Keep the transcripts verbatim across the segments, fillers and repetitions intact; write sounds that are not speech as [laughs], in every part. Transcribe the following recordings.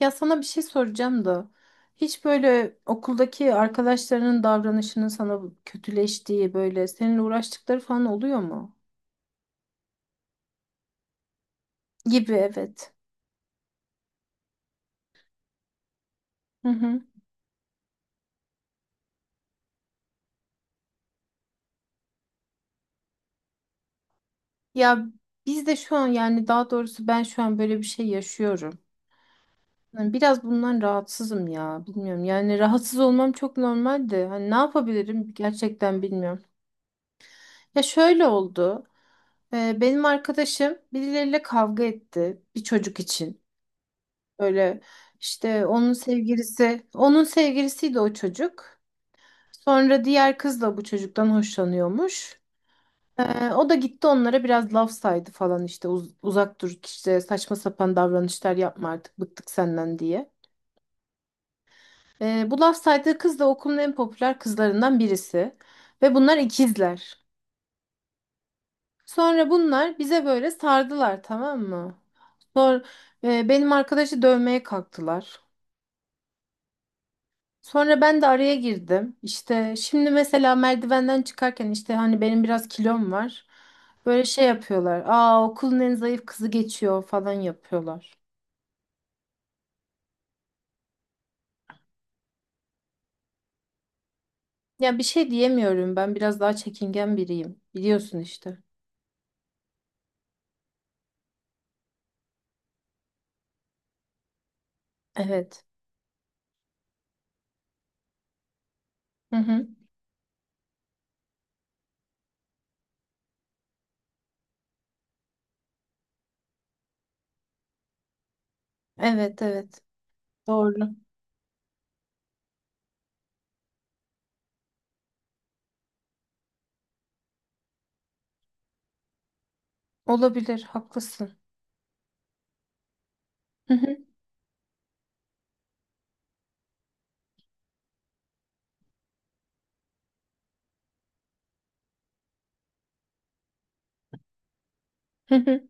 Ya sana bir şey soracağım da hiç böyle okuldaki arkadaşlarının davranışının sana kötüleştiği böyle seninle uğraştıkları falan oluyor mu? Gibi, evet. Hı hı. Ya biz de şu an, yani daha doğrusu ben şu an böyle bir şey yaşıyorum. Yani biraz bundan rahatsızım ya, bilmiyorum. Yani rahatsız olmam çok normal de. Hani ne yapabilirim gerçekten bilmiyorum. Ya şöyle oldu. Ee, benim arkadaşım birileriyle kavga etti bir çocuk için. Böyle işte onun sevgilisi, onun sevgilisiydi o çocuk. Sonra diğer kız da bu çocuktan hoşlanıyormuş. Ee, o da gitti onlara biraz laf saydı falan, işte uz- uzak dur, işte saçma sapan davranışlar yapma, artık bıktık senden diye. Ee, bu laf saydığı kız da okulun en popüler kızlarından birisi ve bunlar ikizler. Sonra bunlar bize böyle sardılar, tamam mı? Sonra e, benim arkadaşı dövmeye kalktılar. Sonra ben de araya girdim. İşte şimdi mesela merdivenden çıkarken, işte hani benim biraz kilom var. Böyle şey yapıyorlar. Aa, okulun en zayıf kızı geçiyor falan yapıyorlar. Ya bir şey diyemiyorum. Ben biraz daha çekingen biriyim. Biliyorsun işte. Evet. Hı hı. Evet, evet. Doğru. Olabilir. Haklısın. Hı hı. Hı hı.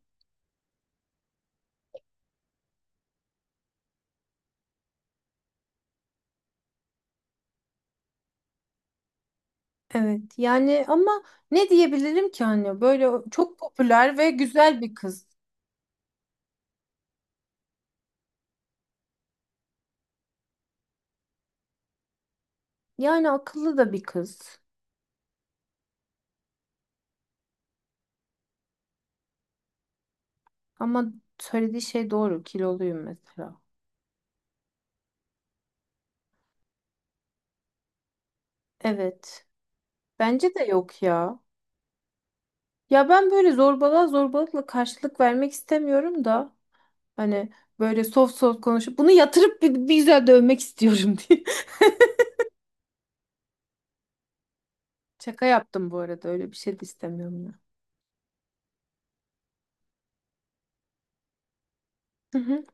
Evet. Yani ama ne diyebilirim ki, hani böyle çok popüler ve güzel bir kız. Yani akıllı da bir kız. Ama söylediği şey doğru. Kiloluyum mesela. Evet. Bence de yok ya. Ya ben böyle zorbalığa zorbalıkla karşılık vermek istemiyorum da. Hani böyle soft soft konuşup bunu yatırıp bir, bir güzel dövmek istiyorum [laughs] diye. Şaka yaptım bu arada. Öyle bir şey de istemiyorum ya. Hı hı.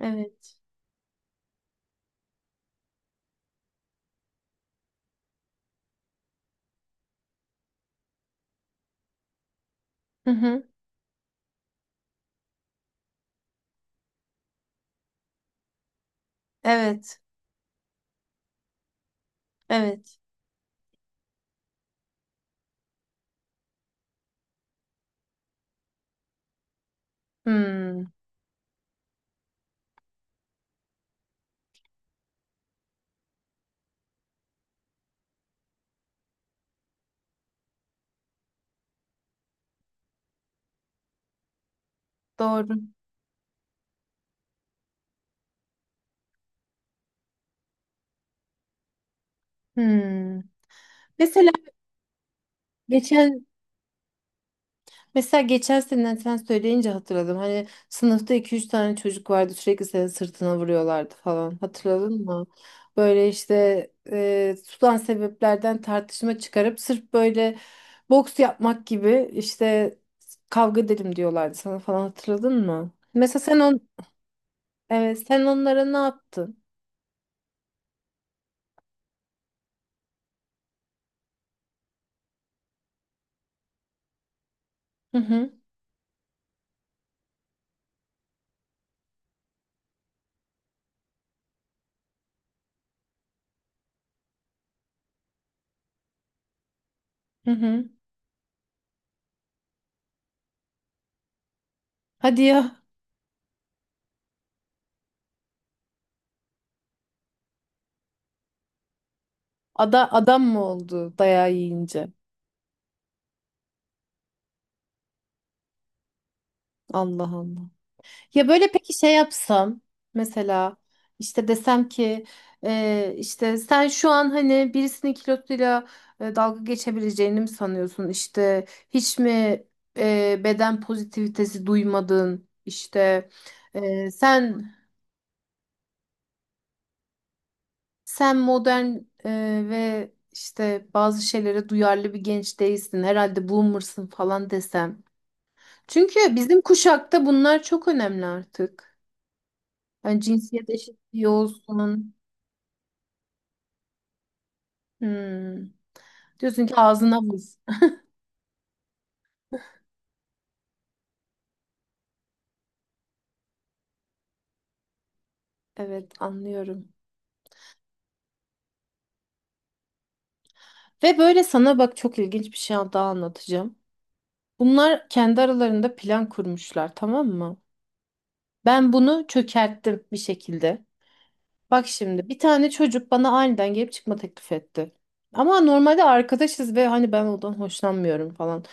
Evet. Hı hı. Evet. Evet. Hmm. Doğru. Hmm. Mesela geçen Mesela geçen seneden sen söyleyince hatırladım. Hani sınıfta iki üç tane çocuk vardı, sürekli senin sırtına vuruyorlardı falan. Hatırladın mı? Böyle işte e, tutan sebeplerden tartışma çıkarıp sırf böyle boks yapmak gibi, işte kavga edelim diyorlardı sana falan, hatırladın mı? Mesela sen on Evet, sen onlara ne yaptın? Hı hı hı hı. Hadi ya. Ada adam mı oldu dayağı yiyince? Allah Allah. Ya böyle peki şey yapsam, mesela işte desem ki e, işte sen şu an hani birisinin kilosuyla e, dalga geçebileceğini mi sanıyorsun? İşte hiç mi e, beden pozitivitesi duymadın? İşte e, sen sen modern e, ve işte bazı şeylere duyarlı bir genç değilsin. Herhalde boomer'sın falan desem. Çünkü bizim kuşakta bunlar çok önemli artık. Yani cinsiyet eşitliği olsun. Hmm. Diyorsun ki ağzına vur. Evet, anlıyorum. Ve böyle sana bak, çok ilginç bir şey daha anlatacağım. Bunlar kendi aralarında plan kurmuşlar, tamam mı? Ben bunu çökerttim bir şekilde. Bak şimdi, bir tane çocuk bana aniden gelip çıkma teklif etti. Ama normalde arkadaşız ve hani ben ondan hoşlanmıyorum falan.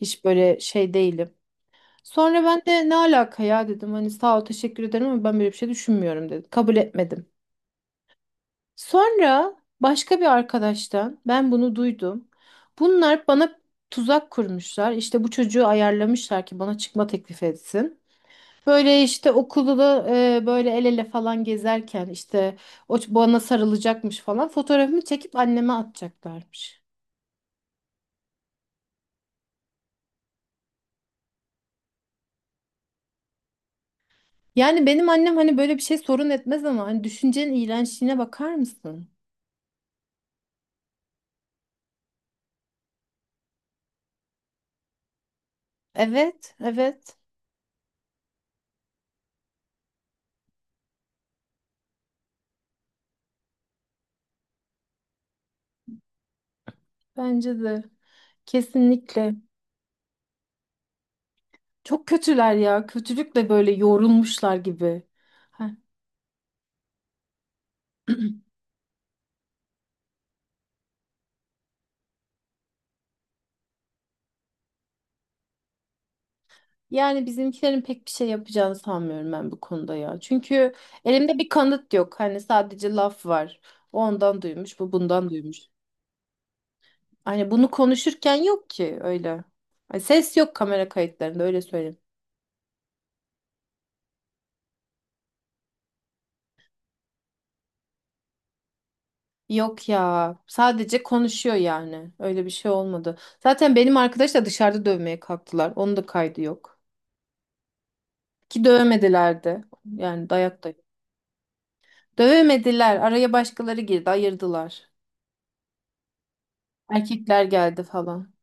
Hiç böyle şey değilim. Sonra ben de ne alaka ya dedim. Hani sağ ol, teşekkür ederim ama ben böyle bir şey düşünmüyorum dedim. Kabul etmedim. Sonra başka bir arkadaştan ben bunu duydum. Bunlar bana tuzak kurmuşlar. İşte bu çocuğu ayarlamışlar ki bana çıkma teklif etsin. Böyle işte okulda da, e, böyle el ele falan gezerken, işte o ç- bana sarılacakmış falan, fotoğrafımı çekip anneme atacaklarmış. Yani benim annem hani böyle bir şey sorun etmez ama hani düşüncenin iğrençliğine bakar mısın? Evet, evet. Bence de. Kesinlikle. Çok kötüler ya. Kötülükle böyle yorulmuşlar gibi. Ha, yani bizimkilerin pek bir şey yapacağını sanmıyorum ben bu konuda ya. Çünkü elimde bir kanıt yok. Hani sadece laf var. O ondan duymuş, bu bundan duymuş. Hani bunu konuşurken yok ki öyle. Hani ses yok kamera kayıtlarında, öyle söyleyeyim. Yok ya. Sadece konuşuyor yani. Öyle bir şey olmadı. Zaten benim arkadaş da dışarıda dövmeye kalktılar. Onun da kaydı yok. Ki dövmediler de. Yani dayak da dövemediler. Araya başkaları girdi, ayırdılar. Erkekler geldi falan.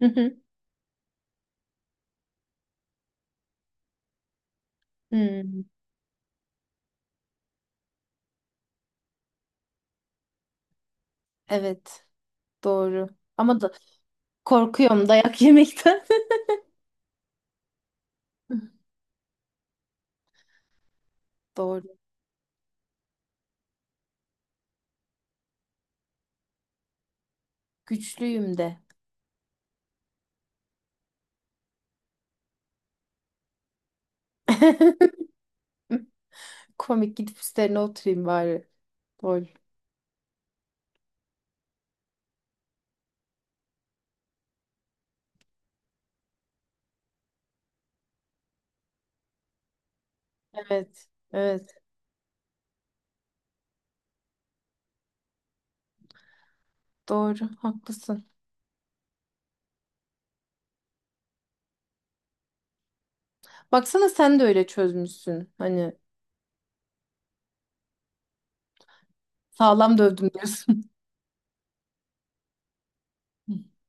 Hı hı. Hmm, evet, doğru. Ama da korkuyorum dayak yemekten. [laughs] Doğru. Güçlüyüm de. [laughs] Komik, gidip üstlerine oturayım bari. Lol. Evet. Evet. Doğru, haklısın. Baksana, sen de öyle çözmüşsün. Hani sağlam dövdüm diyorsun. [laughs]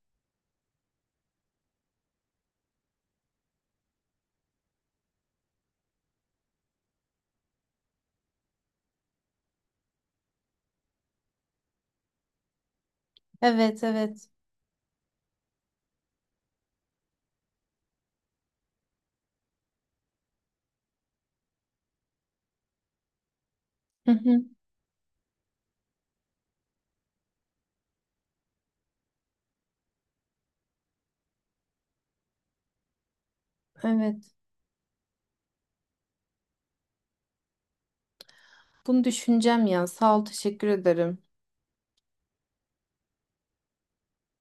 Evet, evet. Hı hı, evet. Bunu düşüneceğim ya. Sağ ol, teşekkür ederim.